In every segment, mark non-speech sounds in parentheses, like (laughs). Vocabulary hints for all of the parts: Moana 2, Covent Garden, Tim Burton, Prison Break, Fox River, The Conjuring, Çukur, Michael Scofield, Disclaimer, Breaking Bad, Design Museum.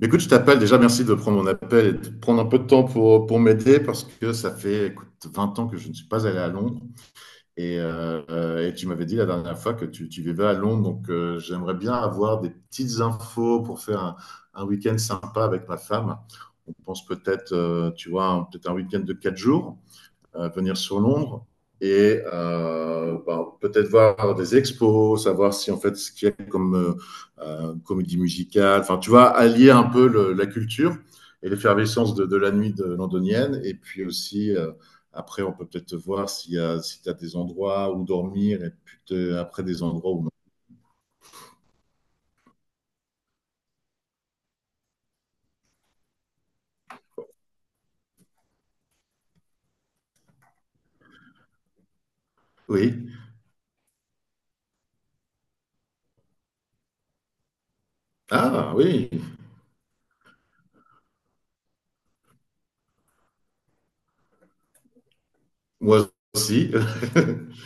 Mais écoute, je t'appelle déjà, merci de prendre mon appel et de prendre un peu de temps pour m'aider parce que ça fait écoute, 20 ans que je ne suis pas allé à Londres et tu m'avais dit la dernière fois que tu vivais à Londres, donc j'aimerais bien avoir des petites infos pour faire un week-end sympa avec ma femme. On pense peut-être, tu vois, peut-être un week-end de 4 jours venir sur Londres et bah, peut-être voir des expos, savoir si en fait ce qu'il y a comme comédie musicale, enfin tu vois, allier un peu la culture et l'effervescence de la nuit de londonienne, et puis aussi après on peut peut-être voir s'il y a, si tu as des endroits où dormir, et puis après des endroits où non. Oui, ah oui, moi aussi. (laughs)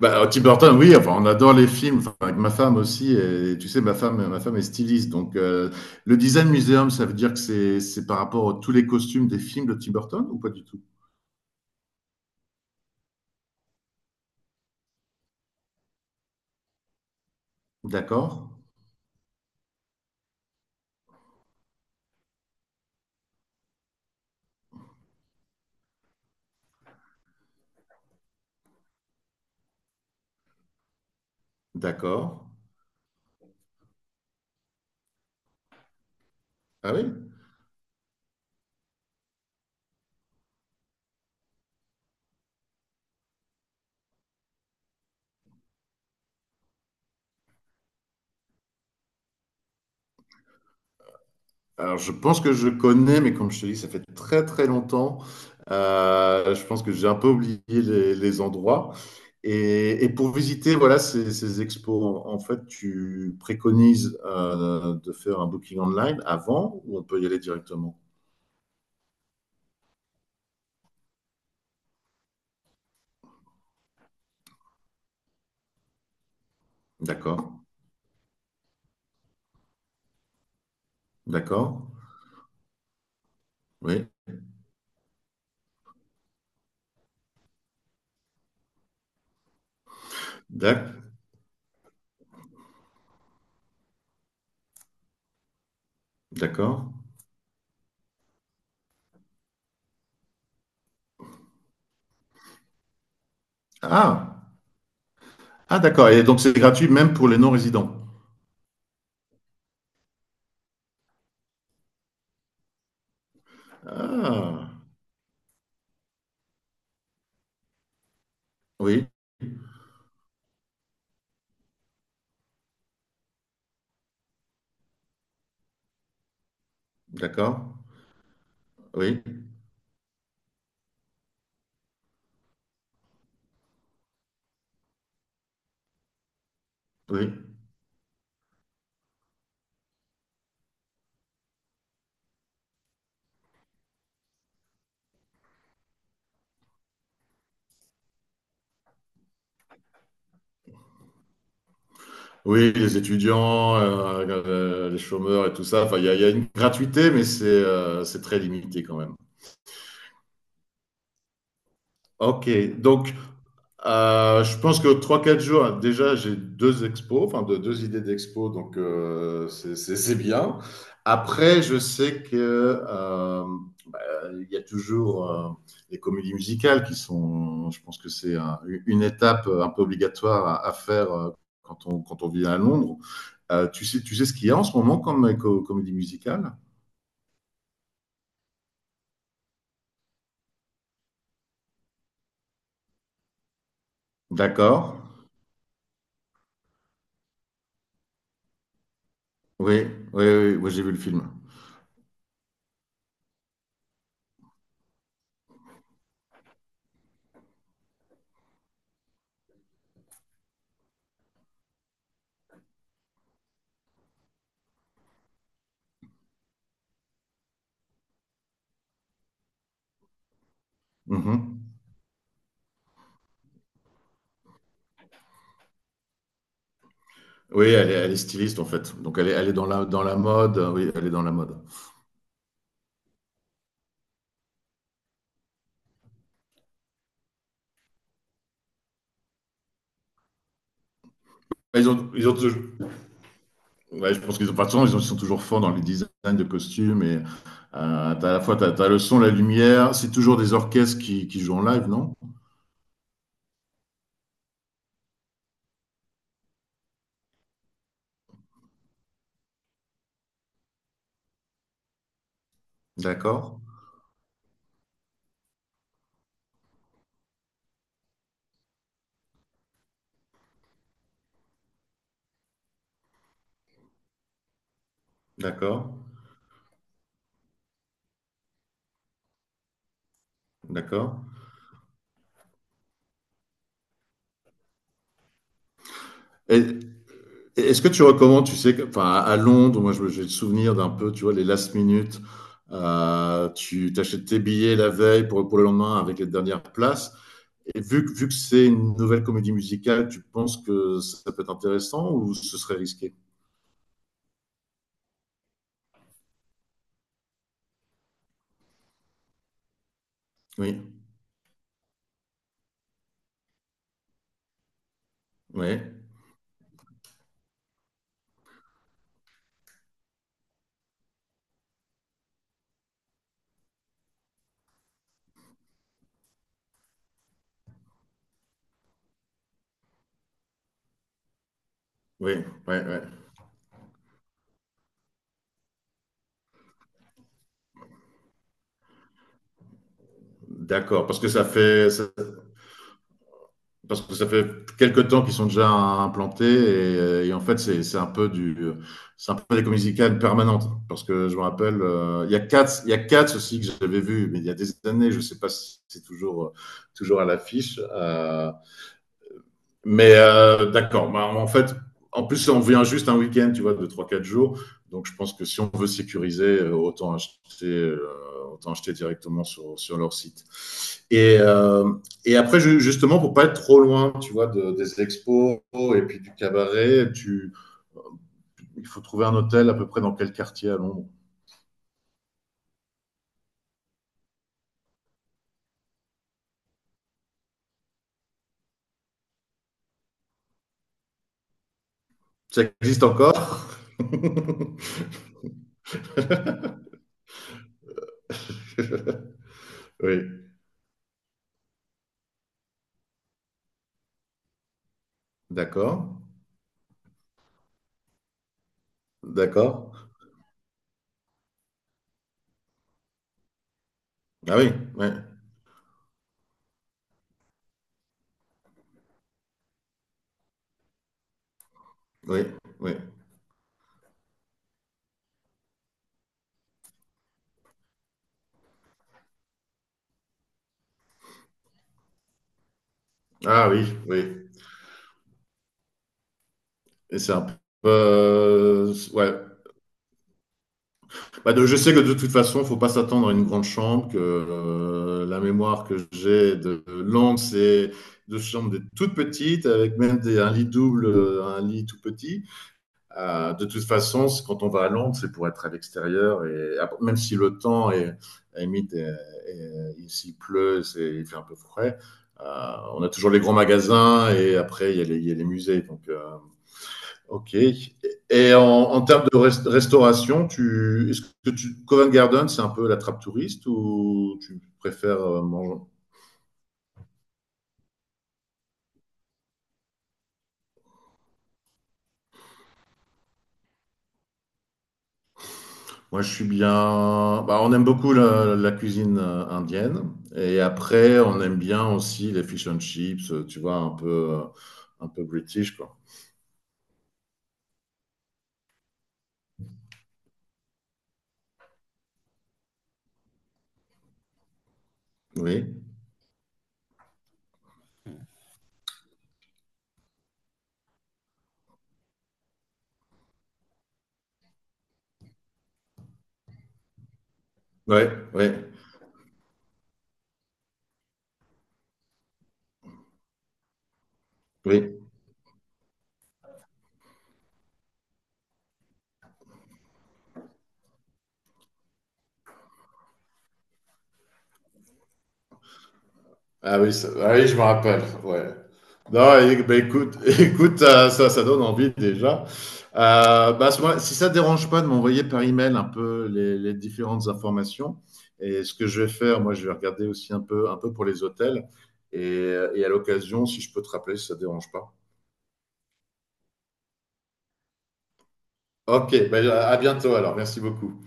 Bah, Tim Burton, oui, enfin, on adore les films, enfin, avec ma femme aussi, et tu sais, ma femme est styliste, donc le Design Museum, ça veut dire que c'est par rapport à tous les costumes des films de Tim Burton ou pas du tout? D'accord, d'accord. Ah oui? Alors, je pense que je connais, mais comme je te dis, ça fait très très longtemps. Je pense que j'ai un peu oublié les endroits. Et pour visiter, voilà, ces expos, en fait, tu préconises de faire un booking online avant ou on peut y aller directement? D'accord, d'accord, oui, d'ac- d'accord. Ah, ah d'accord, et donc c'est gratuit même pour les non-résidents. Ah, oui, d'accord, oui, oui. Oui, les étudiants, les chômeurs et tout ça, enfin, il y a une gratuité, mais c'est très limité quand même. Ok, donc je pense que 3 4 jours, hein, déjà j'ai deux expos, enfin deux, deux idées d'expos, donc c'est c'est bien. Après, je sais que euh, il y a toujours les comédies musicales qui sont, je pense que c'est une étape un peu obligatoire à faire quand quand on vit à Londres. Tu sais ce qu'il y a en ce moment comme comédie musicale? D'accord. Oui, oui, oui, oui j'ai vu le film. Mhm. Oui, elle est, styliste en fait. Donc elle est dans, dans la mode. Oui, elle est dans la mode. Ils ont ouais, je pense qu'ils ont, enfin, de toute façon, ils sont toujours forts dans les designs de costumes et t'as à la fois t'as le son, la lumière, c'est toujours des orchestres qui jouent en live, non? D'accord, d'accord, d'accord. Et, et est-ce que tu recommandes, tu sais, enfin, à Londres, moi j'ai le souvenir d'un peu, tu vois, les last minutes, tu t'achètes tes billets la veille pour le lendemain avec les dernières places. Et vu que c'est une nouvelle comédie musicale, tu penses que ça peut être intéressant ou ce serait risqué? Oui, oui. Oui, oui, oui. D'accord, parce que ça parce que ça fait quelques temps qu'ils sont déjà implantés et en fait c'est un peu du, c'est un peu des comédies musicales permanentes. Parce que je me rappelle, il y a quatre il y a quatre aussi que j'avais vu, mais il y a des années, je sais pas si c'est toujours, toujours à l'affiche. Mais d'accord, bah, en fait, en plus, on vient juste un week-end, tu vois, de 3 4 jours. Donc, je pense que si on veut sécuriser, autant acheter directement sur leur site. Et, euh, et après, justement, pour pas être trop loin, tu vois, des expos et puis du cabaret, euh, il faut trouver un hôtel à peu près dans quel quartier à Londres. Ça existe encore? (laughs) Oui, d'accord, d'accord. Ah oui, oui, oui, oui. Ah oui, oui. Et c'est un peu. Ouais. Bah, je sais que de toute façon, faut pas s'attendre à une grande chambre, que la mémoire que j'ai de langue, c'est de chambres des toutes petites, avec même des, un lit double, un lit tout petit. De toute façon, quand on va à Londres, c'est pour être à l'extérieur, et même si le temps est, à la limite, il s'y pleut, c'est, il fait un peu frais. On a toujours les grands magasins, et après, il y a il y a les musées. Donc, Ok. Et en, en termes de restauration, est-ce que tu, Covent Garden, c'est un peu la trappe touriste ou tu préfères manger? Moi, je suis bien. Bah, on aime beaucoup la cuisine indienne. Et après, on aime bien aussi les fish and chips, tu vois, un peu british, quoi. Oui. Oui, oui, oui. Ah oui, ah oui, je me rappelle. Ouais. Non, bah, écoute, (laughs) écoute, ça, ça donne envie déjà. Bah, à ce moment-là, si ça ne dérange pas de m'envoyer par email un peu les différentes informations, et ce que je vais faire, moi, je vais regarder aussi un peu pour les hôtels, et à l'occasion, si je peux te rappeler, si ça ne dérange pas. Ok, bah, à bientôt alors. Merci beaucoup.